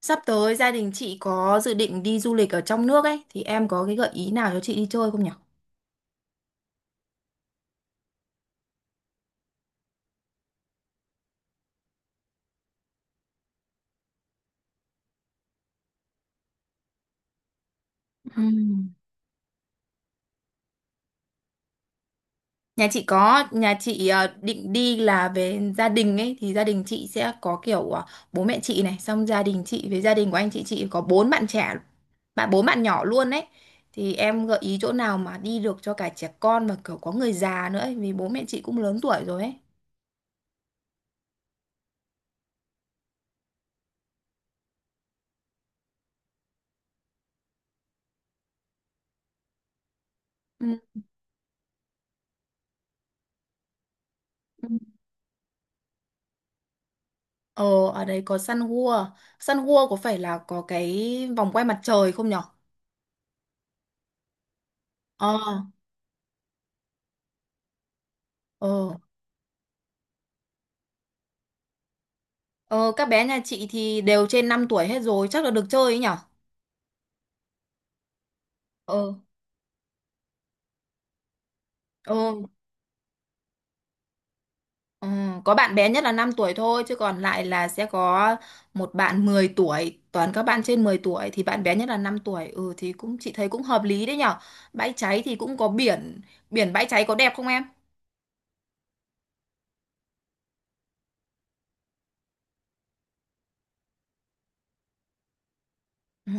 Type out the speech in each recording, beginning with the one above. Sắp tới gia đình chị có dự định đi du lịch ở trong nước ấy thì em có cái gợi ý nào cho chị đi chơi không nhỉ? Ừm. Nhà chị có, nhà chị định đi là về gia đình ấy thì gia đình chị sẽ có kiểu bố mẹ chị này, xong gia đình chị với gia đình của anh chị có 4 bạn trẻ, 4 bạn nhỏ luôn ấy. Thì em gợi ý chỗ nào mà đi được cho cả trẻ con và kiểu có người già nữa ấy, vì bố mẹ chị cũng lớn tuổi rồi ấy. Ừm. Ờ, ở đấy có Sun World. Sun World có phải là có cái vòng quay mặt trời không nhở? Ờ. Ờ, ờ, các bé nhà chị thì đều trên 5 tuổi hết rồi, chắc là được chơi ấy nhở? Ờ, ờ, ờ, có bạn bé nhất là 5 tuổi thôi, chứ còn lại là sẽ có một bạn 10 tuổi, toàn các bạn trên 10 tuổi thì bạn bé nhất là 5 tuổi. Ừ thì cũng chị thấy cũng hợp lý đấy nhở. Bãi Cháy thì cũng có biển, biển Bãi Cháy có đẹp không em? Ừ.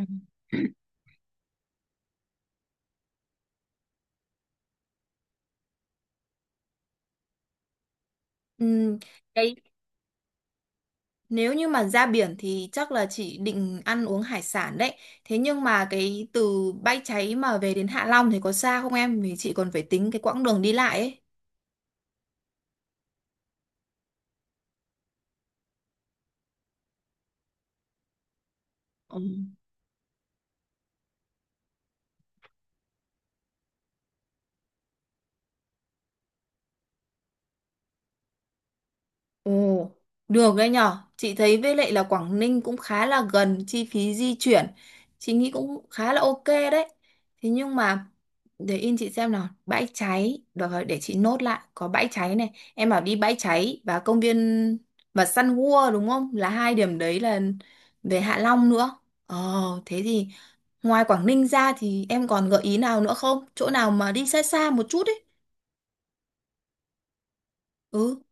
Ừ, Cái nếu như mà ra biển thì chắc là chị định ăn uống hải sản đấy. Thế nhưng mà cái từ Bãi Cháy mà về đến Hạ Long thì có xa không em? Vì chị còn phải tính cái quãng đường đi lại ấy. Ồ, được đấy nhở. Chị thấy với lại là Quảng Ninh cũng khá là gần chi phí di chuyển. Chị nghĩ cũng khá là ok đấy. Thế nhưng mà để in chị xem nào, Bãi Cháy, được rồi để chị nốt lại, có Bãi Cháy này. Em bảo đi Bãi Cháy và công viên và săn gua đúng không? Là hai điểm đấy là về Hạ Long nữa. Ờ, thế thì ngoài Quảng Ninh ra thì em còn gợi ý nào nữa không? Chỗ nào mà đi xa xa một chút ấy. Ừ.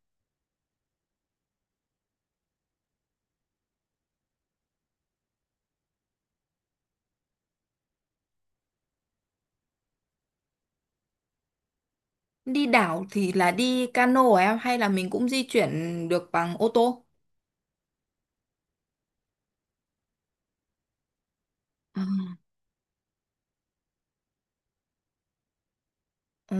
Đi đảo thì là đi cano hả em hay là mình cũng di chuyển được bằng ô tô? Ờ. Ồ,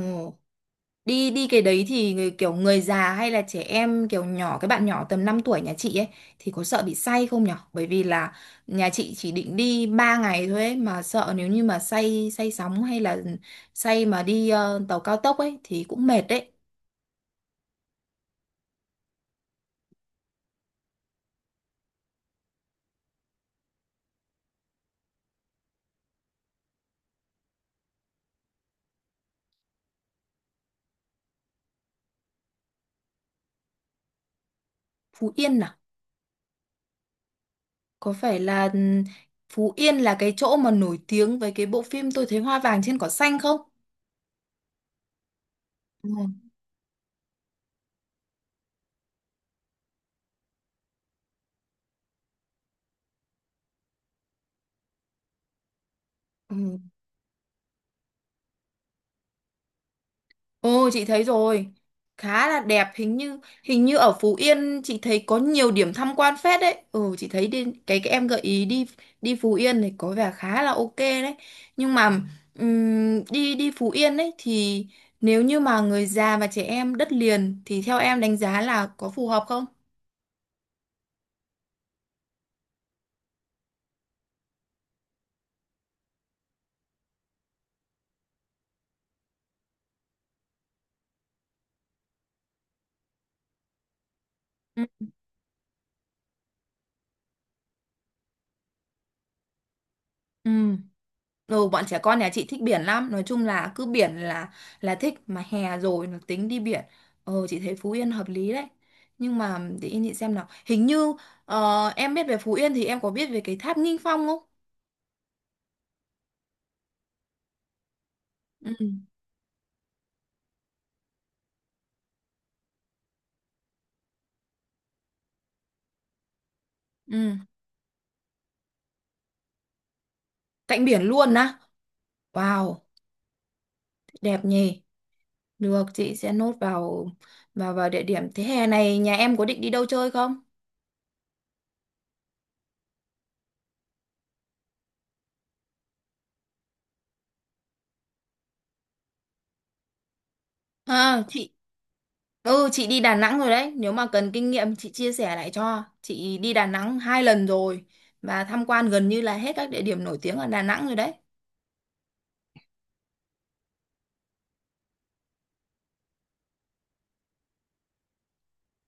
đi đi cái đấy thì người, kiểu người già hay là trẻ em kiểu nhỏ cái bạn nhỏ tầm 5 tuổi nhà chị ấy thì có sợ bị say không nhở? Bởi vì là nhà chị chỉ định đi 3 ngày thôi ấy, mà sợ nếu như mà say say sóng hay là say mà đi tàu cao tốc ấy thì cũng mệt đấy. Phú Yên à? Có phải là Phú Yên là cái chỗ mà nổi tiếng với cái bộ phim Tôi thấy hoa vàng trên cỏ xanh không? Ừ. Ừ. Ồ chị thấy rồi, khá là đẹp. Hình như ở Phú Yên chị thấy có nhiều điểm tham quan phết đấy. Ừ, chị thấy đi, cái em gợi ý đi đi Phú Yên này có vẻ khá là ok đấy, nhưng mà đi đi Phú Yên đấy thì nếu như mà người già và trẻ em đất liền thì theo em đánh giá là có phù hợp không? Ừ. Ừ. Ừ, bọn trẻ con nhà chị thích biển lắm, nói chung là cứ biển là thích, mà hè rồi nó tính đi biển. Chị thấy Phú Yên hợp lý đấy, nhưng mà để yên chị xem nào, hình như em biết về Phú Yên thì em có biết về cái tháp Nghinh Phong không? Ừ. Ừ. Cạnh biển luôn á. Wow, đẹp nhỉ. Được, chị sẽ nốt vào, vào địa điểm. Thế hè này nhà em có định đi đâu chơi không? À, chị... Ừ, chị đi Đà Nẵng rồi đấy. Nếu mà cần kinh nghiệm chị chia sẻ lại cho. Chị đi Đà Nẵng 2 lần rồi, và tham quan gần như là hết các địa điểm nổi tiếng ở Đà Nẵng rồi đấy.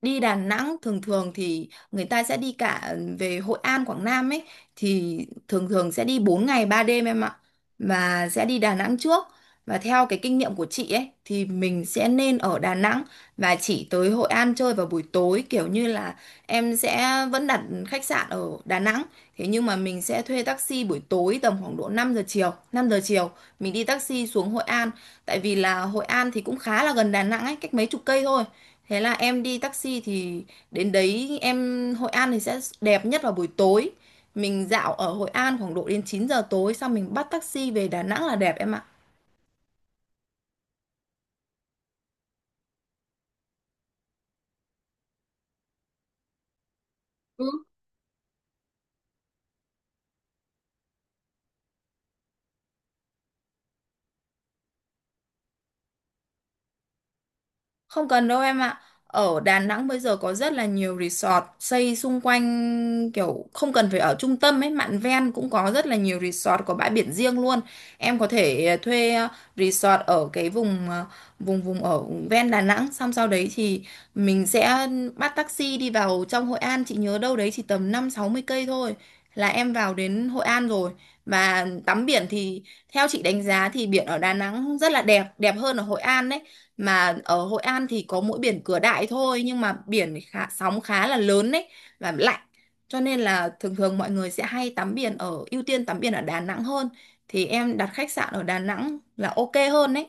Đi Đà Nẵng thường thường thì người ta sẽ đi cả về Hội An, Quảng Nam ấy, thì thường thường sẽ đi 4 ngày 3 đêm em ạ, và sẽ đi Đà Nẵng trước. Và theo cái kinh nghiệm của chị ấy thì mình sẽ nên ở Đà Nẵng và chỉ tới Hội An chơi vào buổi tối, kiểu như là em sẽ vẫn đặt khách sạn ở Đà Nẵng, thế nhưng mà mình sẽ thuê taxi buổi tối tầm khoảng độ năm giờ chiều, mình đi taxi xuống Hội An. Tại vì là Hội An thì cũng khá là gần Đà Nẵng ấy, cách mấy chục cây thôi, thế là em đi taxi thì đến đấy, em Hội An thì sẽ đẹp nhất vào buổi tối, mình dạo ở Hội An khoảng độ đến 9 giờ tối xong mình bắt taxi về Đà Nẵng là đẹp em ạ. Không cần đâu em ạ. Ở Đà Nẵng bây giờ có rất là nhiều resort xây xung quanh, kiểu không cần phải ở trung tâm ấy, mạn ven cũng có rất là nhiều resort có bãi biển riêng luôn. Em có thể thuê resort ở cái vùng ờ, vùng vùng ở ven Đà Nẵng, xong sau đấy thì mình sẽ bắt taxi đi vào trong Hội An, chị nhớ đâu đấy chỉ tầm 50-60 cây thôi là em vào đến Hội An rồi. Và tắm biển thì theo chị đánh giá thì biển ở Đà Nẵng rất là đẹp, đẹp hơn ở Hội An đấy, mà ở Hội An thì có mỗi biển Cửa Đại thôi, nhưng mà biển khá, sóng khá là lớn đấy và lạnh, cho nên là thường thường mọi người sẽ hay tắm biển ở ưu tiên tắm biển ở Đà Nẵng hơn, thì em đặt khách sạn ở Đà Nẵng là ok hơn đấy.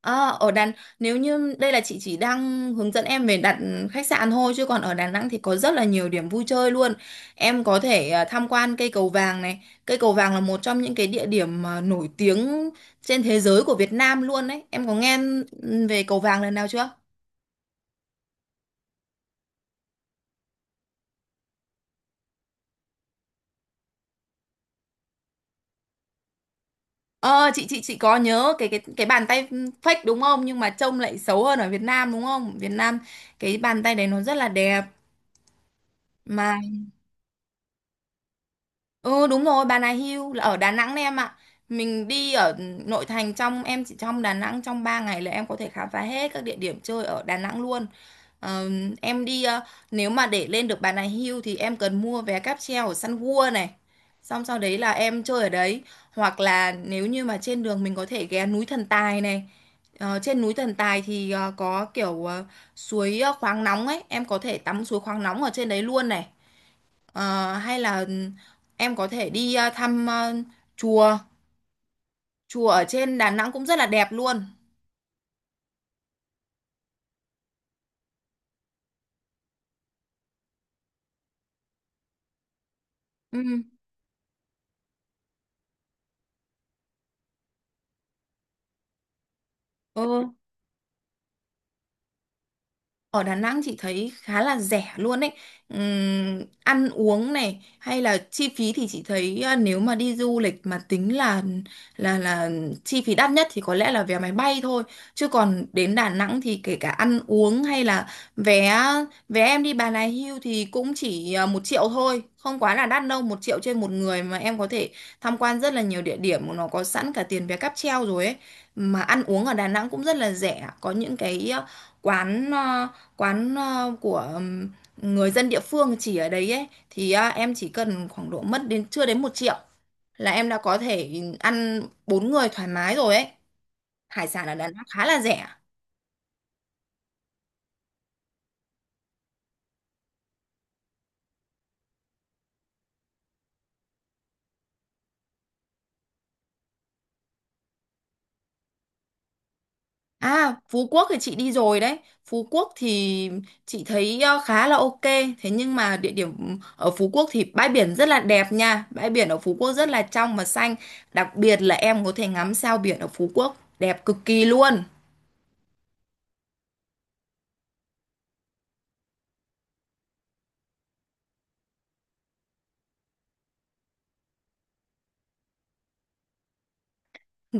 À, ở Đà nếu như đây là chị chỉ đang hướng dẫn em về đặt khách sạn thôi, chứ còn ở Đà Nẵng thì có rất là nhiều điểm vui chơi luôn. Em có thể tham quan cây Cầu Vàng này. Cây Cầu Vàng là một trong những cái địa điểm mà nổi tiếng trên thế giới của Việt Nam luôn đấy. Em có nghe về Cầu Vàng lần nào chưa? Ờ, chị có nhớ cái bàn tay fake đúng không? Nhưng mà trông lại xấu hơn ở Việt Nam đúng không? Việt Nam cái bàn tay đấy nó rất là đẹp. Mà... Ừ đúng rồi, Bà Nà Hills là ở Đà Nẵng đấy em ạ. Mình đi ở nội thành, trong em chỉ trong Đà Nẵng trong 3 ngày là em có thể khám phá hết các địa điểm chơi ở Đà Nẵng luôn. Ờ, em đi ờ, nếu mà để lên được Bà Nà Hills thì em cần mua vé cáp treo ở Sun World này. Xong sau đấy là em chơi ở đấy, hoặc là nếu như mà trên đường mình có thể ghé núi Thần Tài này. Ờ, trên núi Thần Tài thì có kiểu suối khoáng nóng ấy, em có thể tắm suối khoáng nóng ở trên đấy luôn này. Ờ, hay là em có thể đi thăm chùa chùa ở trên Đà Nẵng cũng rất là đẹp luôn. Ừ. Ừ. Ở Đà Nẵng chị thấy khá là rẻ luôn ấy. Ăn uống này hay là chi phí thì chị thấy nếu mà đi du lịch mà tính là là chi phí đắt nhất thì có lẽ là vé máy bay thôi, chứ còn đến Đà Nẵng thì kể cả ăn uống hay là vé vé em đi Bà Nà Hills thì cũng chỉ 1 triệu thôi, không quá là đắt đâu, 1 triệu trên một người mà em có thể tham quan rất là nhiều địa điểm, nó có sẵn cả tiền vé cáp treo rồi ấy. Mà ăn uống ở Đà Nẵng cũng rất là rẻ, có những cái quán ờ, quán của người dân địa phương chỉ ở đấy ấy thì em chỉ cần khoảng độ mất đến chưa đến 1 triệu là em đã có thể ăn 4 người thoải mái rồi ấy, hải sản ở Đà Nẵng khá là rẻ. À, Phú Quốc thì chị đi rồi đấy. Phú Quốc thì chị thấy khá là ok, thế nhưng mà địa điểm ở Phú Quốc thì bãi biển rất là đẹp nha, bãi biển ở Phú Quốc rất là trong và xanh, đặc biệt là em có thể ngắm sao biển ở Phú Quốc đẹp cực kỳ luôn.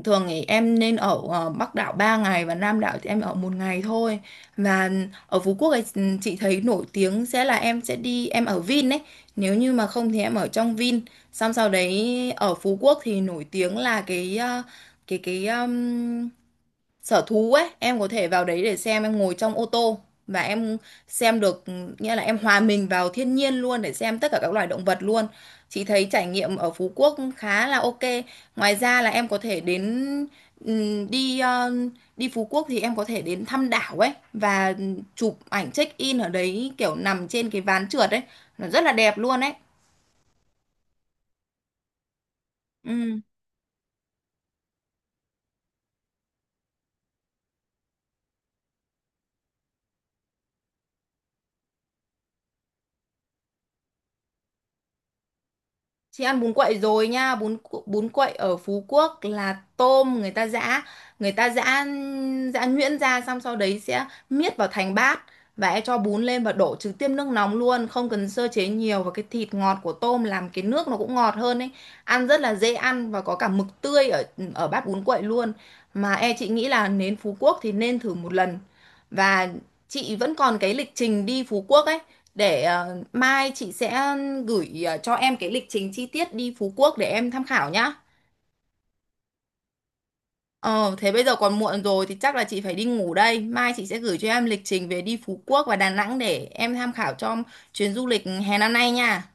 Thường thì em nên ở Bắc đảo 3 ngày và Nam đảo thì em ở một ngày thôi. Và ở Phú Quốc ấy, chị thấy nổi tiếng sẽ là em sẽ đi em ở Vin ấy. Nếu như mà không thì em ở trong Vin. Xong sau đấy ở Phú Quốc thì nổi tiếng là cái ờ, cái sở thú ấy, em có thể vào đấy để xem, em ngồi trong ô tô và em xem được, nghĩa là em hòa mình vào thiên nhiên luôn để xem tất cả các loài động vật luôn. Chị thấy trải nghiệm ở Phú Quốc khá là ok. Ngoài ra là em có thể đến, ừm, đi ờ, đi Phú Quốc thì em có thể đến thăm đảo ấy và chụp ảnh check in ở đấy kiểu nằm trên cái ván trượt ấy nó rất là đẹp luôn ấy. Ừ. Chị ăn bún quậy rồi nha, bún quậy ở Phú Quốc là tôm người ta giã giã nhuyễn ra xong sau đấy sẽ miết vào thành bát, và em cho bún lên và đổ trực tiếp nước nóng luôn, không cần sơ chế nhiều, và cái thịt ngọt của tôm làm cái nước nó cũng ngọt hơn ấy. Ăn rất là dễ ăn và có cả mực tươi ở ở bát bún quậy luôn. Mà e chị nghĩ là đến Phú Quốc thì nên thử một lần. Và chị vẫn còn cái lịch trình đi Phú Quốc ấy, để mai chị sẽ gửi cho em cái lịch trình chi tiết đi Phú Quốc để em tham khảo nhá. Ờ, thế bây giờ còn muộn rồi thì chắc là chị phải đi ngủ đây. Mai chị sẽ gửi cho em lịch trình về đi Phú Quốc và Đà Nẵng để em tham khảo cho chuyến du lịch hè năm nay nha.